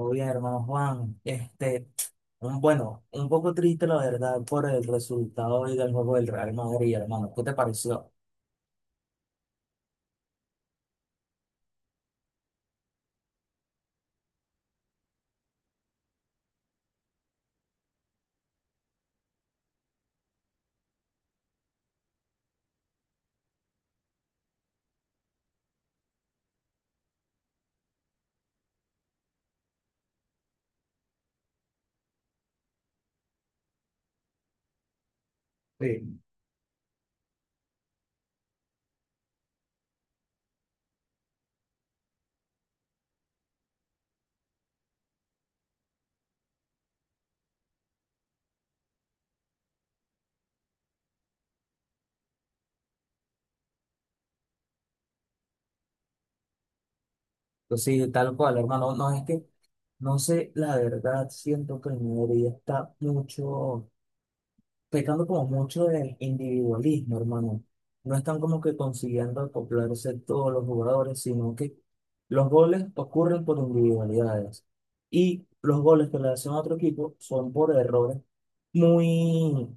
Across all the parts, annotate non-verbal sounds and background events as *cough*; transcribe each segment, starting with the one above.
Oye, hermano Juan, bueno, un poco triste la verdad por el resultado hoy del juego del Real Madrid, hermano. ¿Qué te pareció? Sí. Pues sí, tal cual, hermano. No es que, no sé, la verdad, siento que el Madrid está mucho pecando como mucho de individualismo, hermano. No están como que consiguiendo acoplarse todos los jugadores, sino que los goles ocurren por individualidades. Y los goles que le hacen a otro equipo son por errores muy,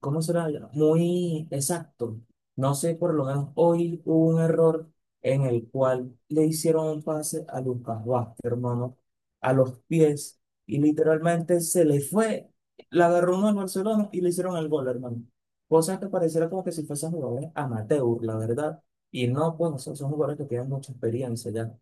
¿cómo será? Muy exacto. No sé, por lo menos hoy hubo un error en el cual le hicieron un pase a Lucas Vázquez, hermano, a los pies, y literalmente se le fue, la agarró uno al Barcelona y le hicieron el gol, hermano. Cosa que pareciera como que si fuesen jugadores amateur, la verdad. Y no, pues, son jugadores que tienen mucha experiencia ya.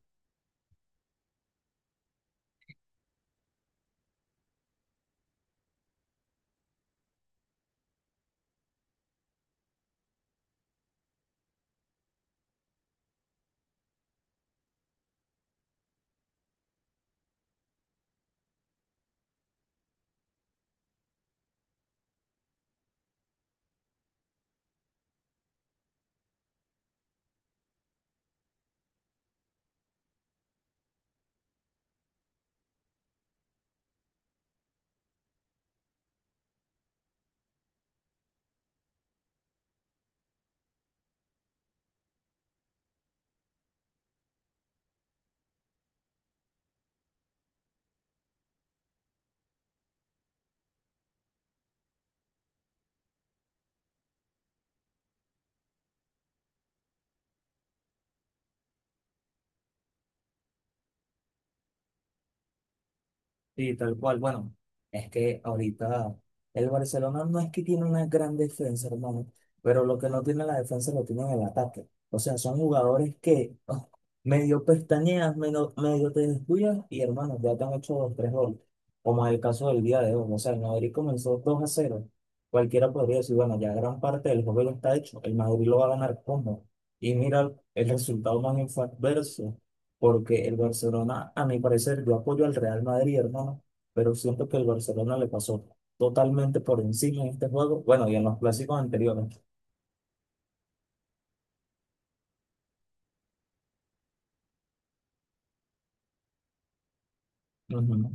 Sí, tal cual. Bueno, es que ahorita el Barcelona no es que tiene una gran defensa, hermano, pero lo que no tiene la defensa lo tiene en el ataque. O sea, son jugadores que oh, medio pestañeas, medio, medio te descuidas y hermano, ya te han hecho dos, tres goles. Como es el caso del día de hoy. O sea, el Madrid comenzó 2 a cero. Cualquiera podría decir, bueno, ya gran parte del juego ya está hecho. El Madrid lo va a ganar como. Y mira el resultado más inverso, porque el Barcelona, a mi parecer, yo apoyo al Real Madrid, hermano, pero siento que el Barcelona le pasó totalmente por encima en este juego, bueno, y en los clásicos anteriores. Ujú.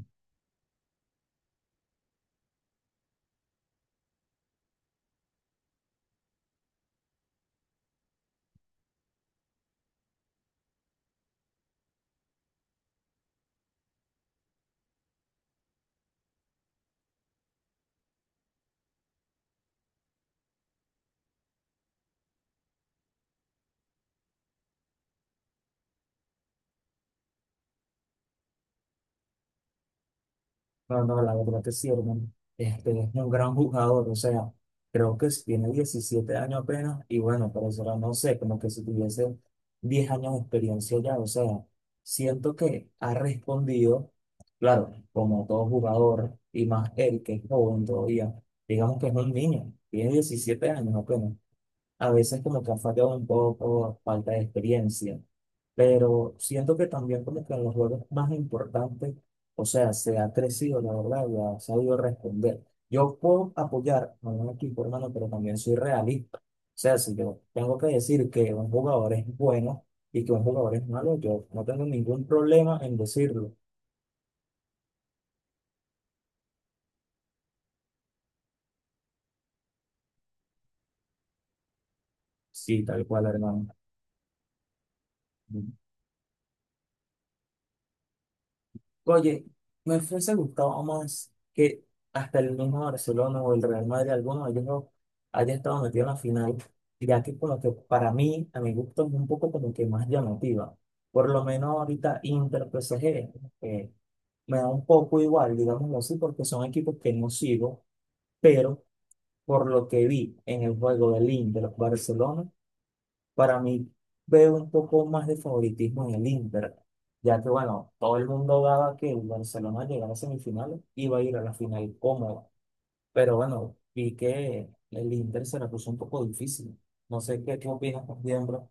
No, no, la verdad que sí, hermano. Este es un gran jugador, o sea, creo que sí tiene 17 años apenas y bueno, pero eso no sé, como que si tuviese 10 años de experiencia ya, o sea, siento que ha respondido, claro, como todo jugador y más él que es joven todavía, digamos que es un niño, tiene 17 años apenas, a veces como que ha fallado un poco, falta de experiencia, pero siento que también como que en los juegos más importantes, o sea, se ha crecido, la verdad, y ha sabido responder. Yo puedo apoyar a un equipo, hermano, pero también soy realista. O sea, si yo tengo que decir que un jugador es bueno y que un jugador es malo, yo no tengo ningún problema en decirlo. Sí, tal cual, hermano. Oye, me fuese gustado más que hasta el mismo Barcelona o el Real Madrid, alguno de ellos no haya estado metido en la final, ya que como que para mí, a mi gusto, es un poco como que más llamativa. Por lo menos ahorita Inter PSG, eh, me da un poco igual, digámoslo así, porque son equipos que no sigo, pero por lo que vi en el juego del Inter Barcelona, para mí veo un poco más de favoritismo en el Inter, ya que bueno, todo el mundo daba que el Barcelona llegara a semifinales y iba a ir a la final cómoda. Pero bueno, vi que el Inter se la puso un poco difícil. No sé qué opinas, por ejemplo.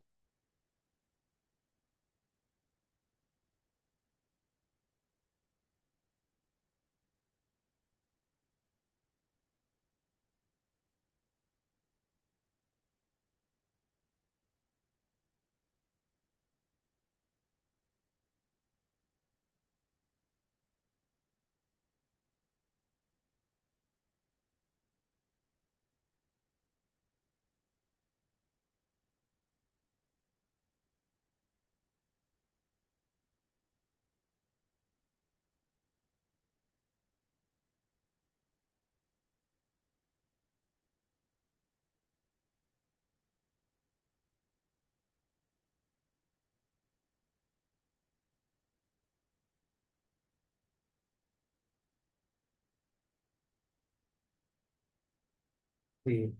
Sí,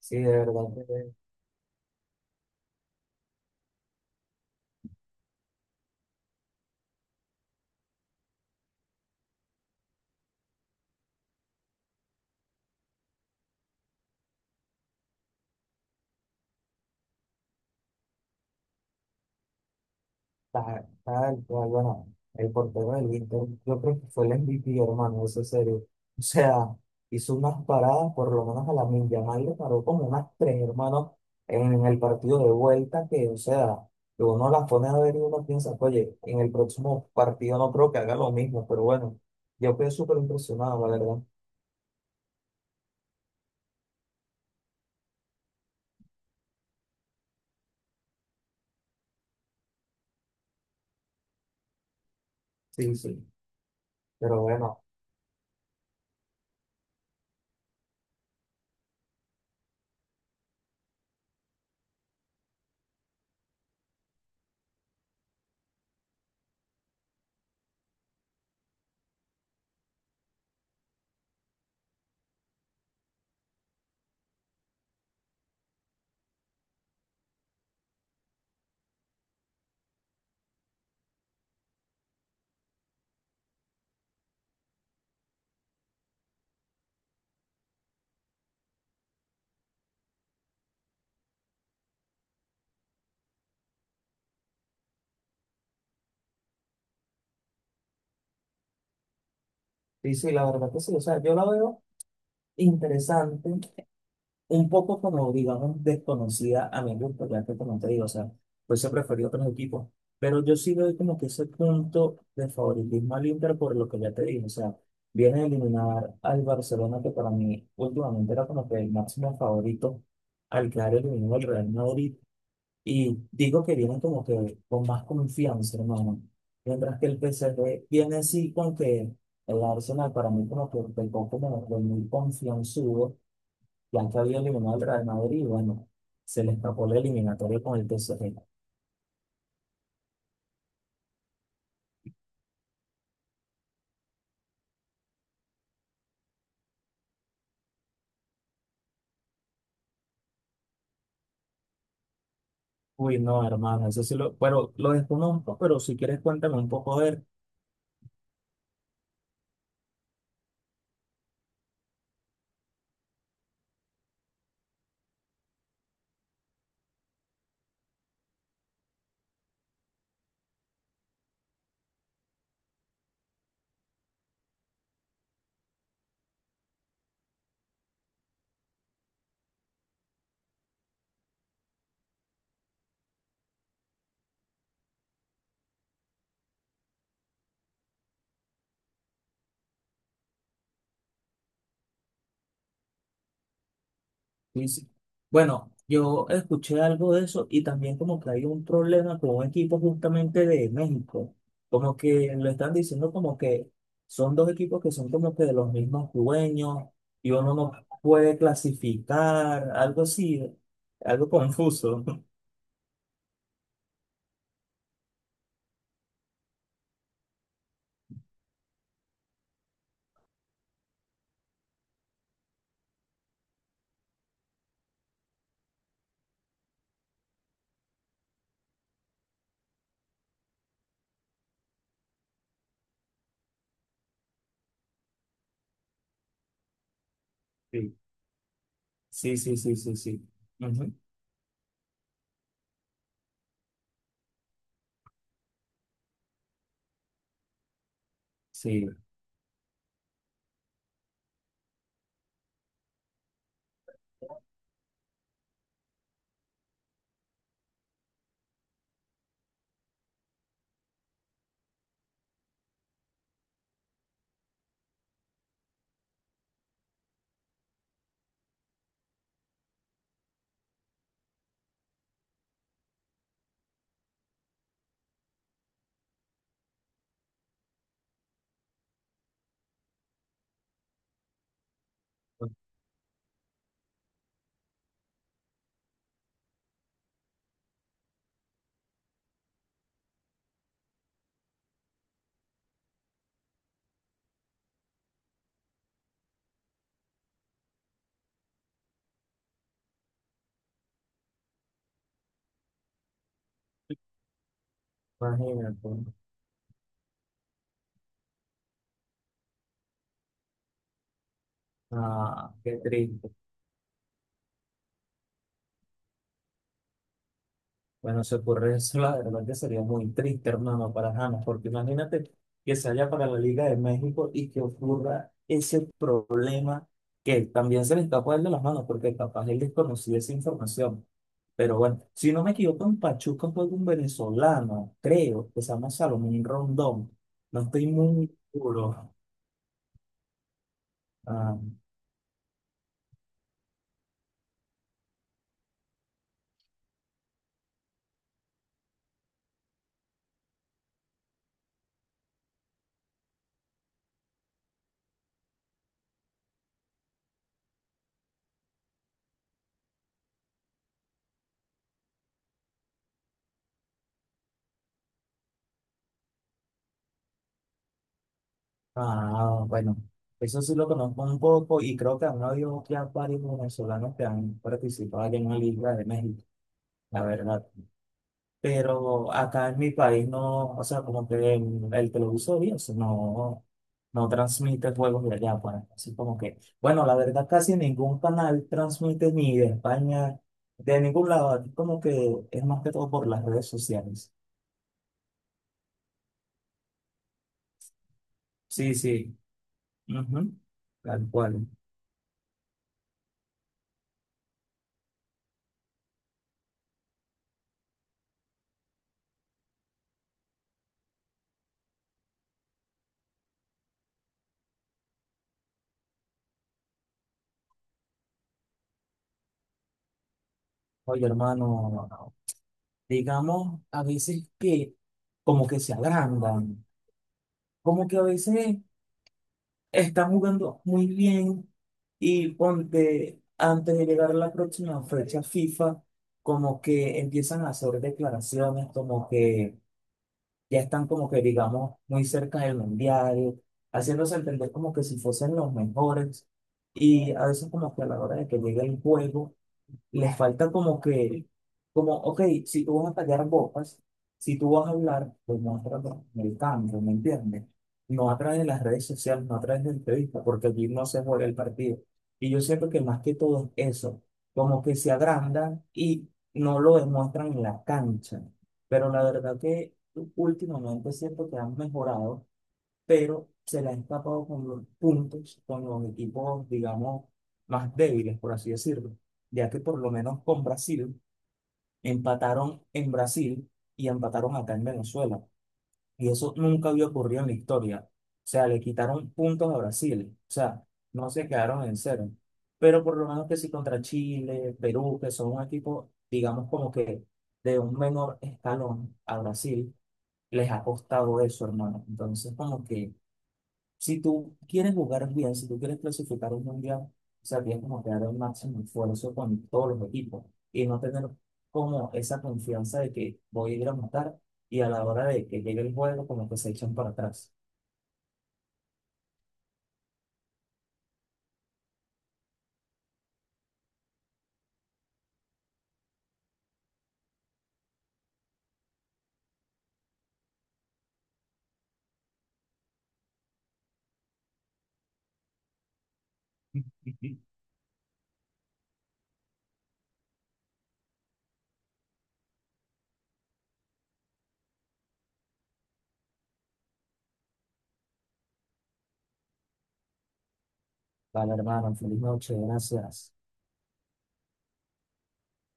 sí, de verdad. Tal cual, bueno, el portero del Inter, yo creo que fue el MVP, hermano, eso es serio. *laughs* O sea, hizo unas paradas, por lo menos a la Yamal le paró como unas tres, hermano, en el partido de vuelta, que, o sea, que uno las pone a ver y uno piensa, oye, en el próximo partido no creo que haga lo mismo, pero bueno, yo quedé súper impresionado, la verdad. Sí, sí, pero bueno, sí, sí, la verdad que sí, o sea, yo la veo interesante, un poco como, digamos, desconocida a mi gusto, ya que como te digo, o sea, fuese preferido otros equipos, pero yo sí doy como que ese punto de favoritismo al Inter por lo que ya te dije, o sea, viene a eliminar al Barcelona, que para mí últimamente era como que el máximo favorito al quedar eliminado el Real Madrid, y digo que vienen como que con más confianza, hermano, mientras que el P PSG viene así con que el Arsenal para mí como que pecó como de muy confianzudo, Blanca había eliminado al Real Madrid y bueno, se le escapó la eliminatoria con el PSG. Uy, no, hermano, eso sí lo, pero lo desconozco, pero si quieres cuéntame un poco a ver. Y si- Bueno, yo escuché algo de eso y también como que hay un problema con un equipo justamente de México. Como que lo están diciendo como que son dos equipos que son como que de los mismos dueños y uno no puede clasificar, algo así, algo confuso. *laughs* Sí, sí, sí, sí, sí, sí. Sí, pues, imagínate. Ah, qué triste. Bueno, se ocurre eso, la verdad que sería muy triste, hermano, para James, porque imagínate que se haya para la Liga de México y que ocurra ese problema que también se le está poniendo las manos, porque capaz él desconocía esa información. Pero bueno, si no me equivoco, en Pachuca fue un venezolano, creo, que se llama Salomón Rondón. No estoy muy seguro. Ah. Ah, bueno, eso sí lo conozco un poco y creo que han habido ya varios venezolanos que han participado allá en la Liga de México, la verdad. Pero acá en mi país no, o sea, como que el televisor y eso no, no transmite juegos de allá, pues. Así como que, bueno, la verdad casi ningún canal transmite ni de España, de ningún lado, aquí como que es más que todo por las redes sociales. Sí, sí, ujú, tal cual. Oye, hermano, digamos, a veces que como que se agrandan, como que a veces están jugando muy bien y ponte, antes de llegar a la próxima fecha FIFA, como que empiezan a hacer declaraciones, como que ya están como que, digamos, muy cerca del mundial, haciéndose entender como que si fuesen los mejores y a veces como que a la hora de que llegue el juego les falta como que, como, ok, si tú vas a callar bocas, si tú vas a hablar, pues muéstralo en el campo, ¿me entiendes? No a través de las redes sociales, no a través de entrevistas, porque allí no se juega el partido. Y yo siento que más que todo es eso, como que se agrandan y no lo demuestran en la cancha. Pero la verdad que últimamente siento que han mejorado, pero se le ha escapado con los puntos, con los equipos, digamos, más débiles, por así decirlo, ya que por lo menos con Brasil empataron en Brasil y empataron acá en Venezuela, y eso nunca había ocurrido en la historia. O sea, le quitaron puntos a Brasil, o sea, no se quedaron en cero. Pero por lo menos que si contra Chile, Perú, que son un equipo, digamos, como que de un menor escalón a Brasil, les ha costado eso, hermano. Entonces, como que si tú quieres jugar un mundial, si tú quieres clasificar un mundial, o sea, tienes como que dar el máximo esfuerzo con todos los equipos y no tener como esa confianza de que voy a ir a matar y a la hora de que llegue el juego, como que se echan para atrás. Ujú. Vale, hermano, feliz noche, gracias.